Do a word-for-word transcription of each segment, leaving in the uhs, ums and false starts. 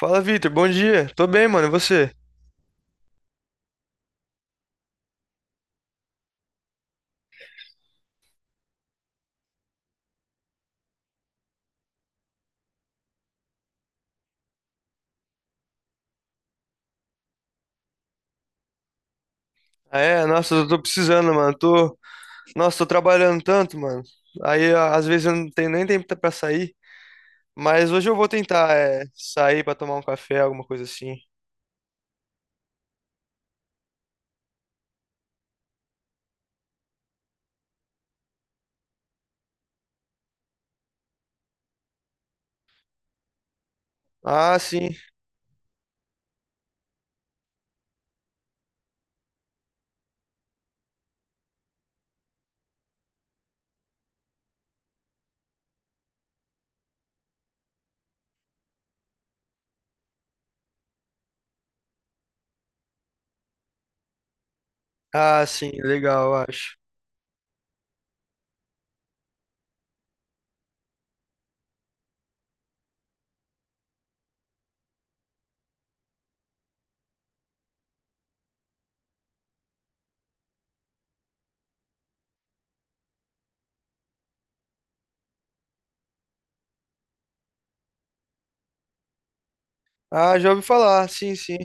Fala, Vitor. Bom dia. Tô bem, mano. E você? Ah, é? Nossa, eu tô precisando, mano. Tô... Nossa, tô trabalhando tanto, mano. Aí, a- às vezes, eu não tenho nem tempo pra sair. Mas hoje eu vou tentar, é, sair pra tomar um café, alguma coisa assim. Ah, sim. Ah, sim. Legal, eu acho. Ah, já ouvi falar. Sim, sim.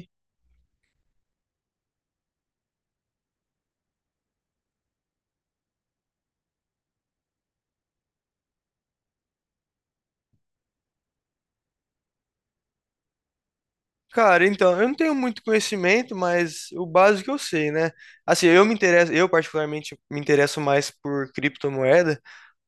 Cara, então, eu não tenho muito conhecimento, mas o básico eu sei, né? Assim, eu me interesso, eu particularmente me interesso mais por criptomoeda,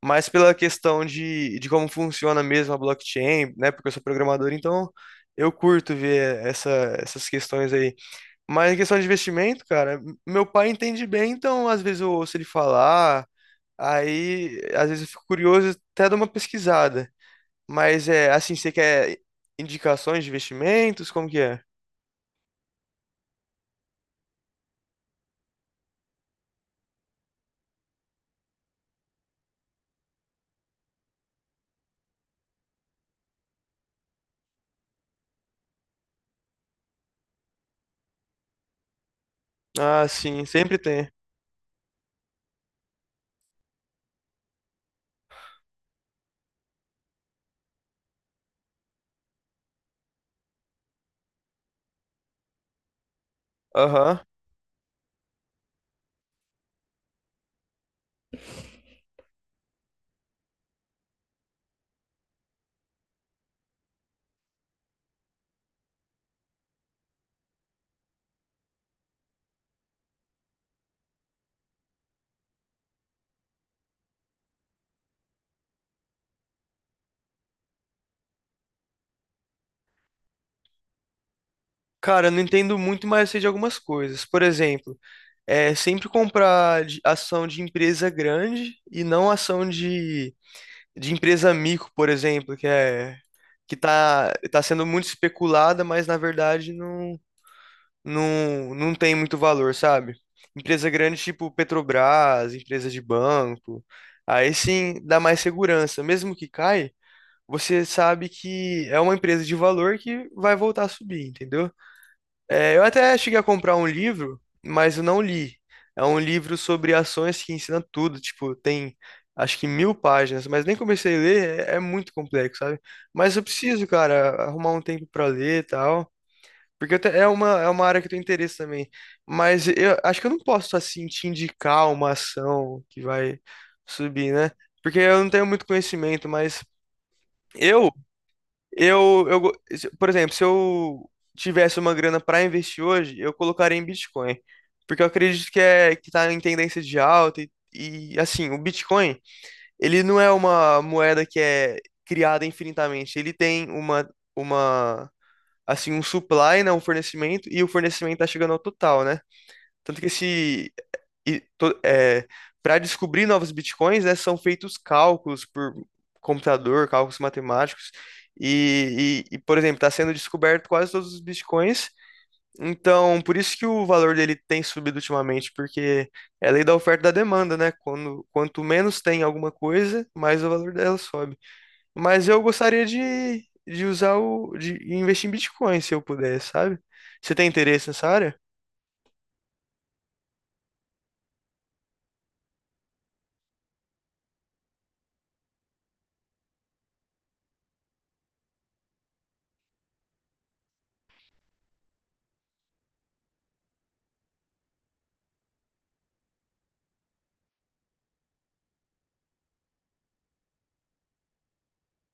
mas pela questão de, de como funciona mesmo a blockchain, né? Porque eu sou programador, então eu curto ver essa, essas questões aí. Mas em questão de investimento, cara, meu pai entende bem, então às vezes eu ouço ele falar, aí às vezes eu fico curioso, até dou uma pesquisada. Mas é assim, você quer indicações de investimentos? Como que é? Ah, sim, sempre tem. Aham. Cara, eu não entendo muito, mas eu sei de algumas coisas. Por exemplo, é sempre comprar de- ação de empresa grande e não ação de, de empresa mico, por exemplo, que é que tá, tá sendo muito especulada, mas na verdade não, não, não tem muito valor, sabe? Empresa grande tipo Petrobras, empresa de banco. Aí sim dá mais segurança. Mesmo que caia, você sabe que é uma empresa de valor que vai voltar a subir, entendeu? É, eu até cheguei a comprar um livro, mas eu não li. É um livro sobre ações que ensina tudo, tipo, tem acho que mil páginas, mas nem comecei a ler, é, é muito complexo, sabe? Mas eu preciso, cara, arrumar um tempo pra ler e tal. Porque eu te- é uma, é uma área que eu tenho interesse também. Mas eu acho que eu não posso, assim, te indicar uma ação que vai subir, né? Porque eu não tenho muito conhecimento, mas eu eu, eu, go- se- por exemplo, se eu tivesse uma grana para investir hoje, eu colocaria em Bitcoin, porque eu acredito que é que tá em tendência de alta e, e assim, o Bitcoin, ele não é uma moeda que é criada infinitamente, ele tem uma uma assim um supply, né, um fornecimento e o fornecimento tá chegando ao total, né? Tanto que esse e para descobrir novos bitcoins, né, são feitos cálculos por computador, cálculos matemáticos. E, e- e, por exemplo, está sendo descoberto quase todos os bitcoins. Então, por isso que o valor dele tem subido ultimamente, porque é lei da oferta e da demanda, né? Quando, quanto menos tem alguma coisa, mais o valor dela sobe. Mas eu gostaria de, de usar o, de investir em bitcoin, se eu puder, sabe? Você tem interesse nessa área?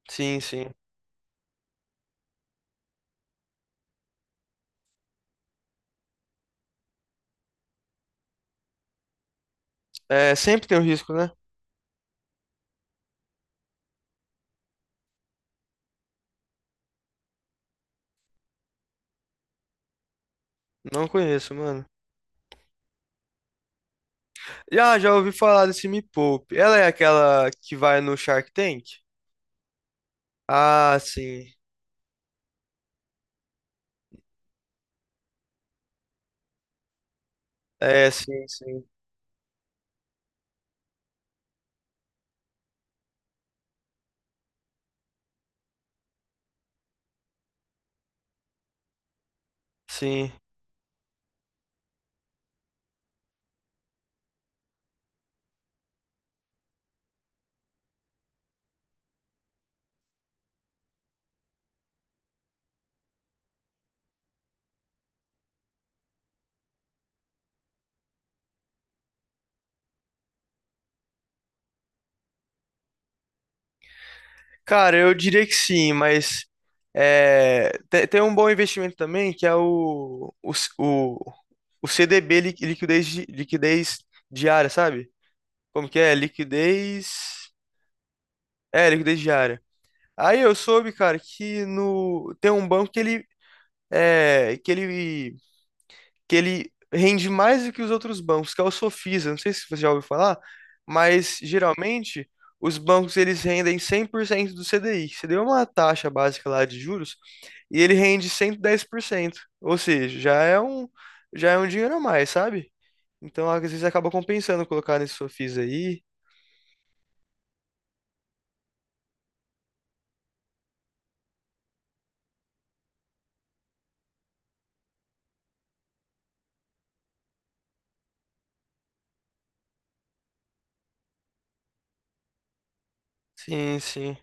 Sim, sim. É, sempre tem o risco, né? Não conheço, mano. Já, já ouvi falar desse Me Poupe. Ela é aquela que vai no Shark Tank? Ah, sim. É, sim, sim. Sim. Cara, eu diria que sim, mas é, te- tem, um bom investimento também, que é o, o, c- o, o C D B, li- liquidez, di- liquidez diária, sabe? Como que é? Liquidez. É, liquidez diária. Aí eu soube, cara, que no, tem um banco que ele, é, que ele que ele rende mais do que os outros bancos, que é o Sofisa. Não sei se você já ouviu falar, mas geralmente os bancos eles rendem cem por cento do C D I. Você deu uma taxa básica lá de juros e ele rende cento e dez por cento. Ou seja, já é um já é um dinheiro a mais, sabe? Então às vezes acaba compensando colocar nesse Sofisa aí. Sim, sim.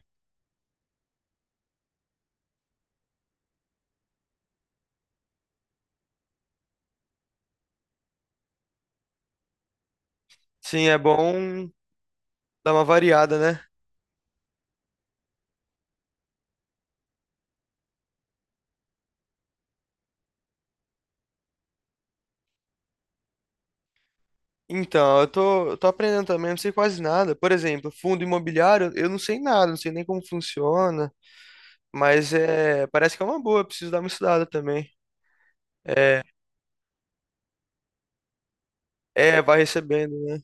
Sim, é bom dar uma variada, né? Então, eu tô, eu tô aprendendo também, não sei quase nada. Por exemplo, fundo imobiliário, eu não sei nada, não sei nem como funciona. Mas é, parece que é uma boa, preciso dar uma estudada também. É, É, vai recebendo. Né?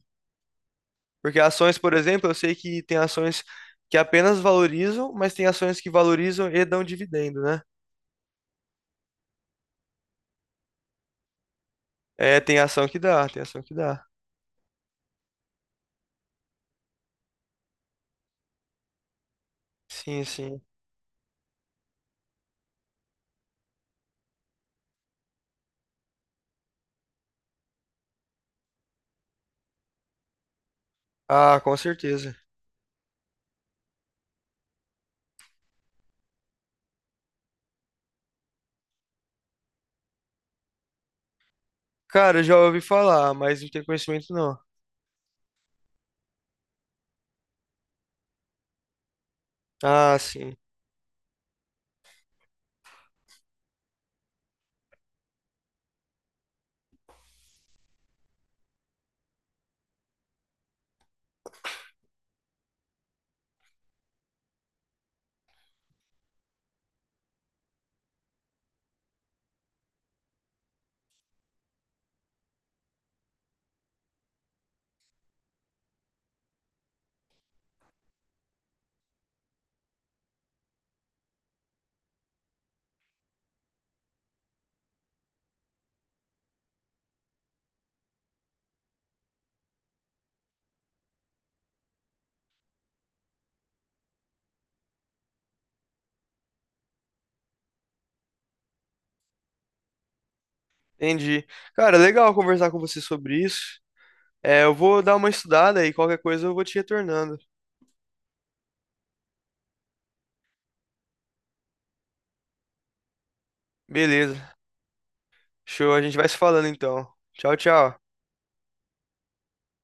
Porque ações, por exemplo, eu sei que tem ações que apenas valorizam, mas tem ações que valorizam e dão dividendo, né? É, tem ação que dá, tem ação que dá. Sim, sim. Ah, com certeza. Cara, eu já ouvi falar, mas não tenho conhecimento não. Ah, sim. Entendi. Cara, legal conversar com você sobre isso. É, eu vou dar uma estudada e qualquer coisa eu vou te retornando. Beleza. Show, a gente vai se falando então. Tchau, tchau.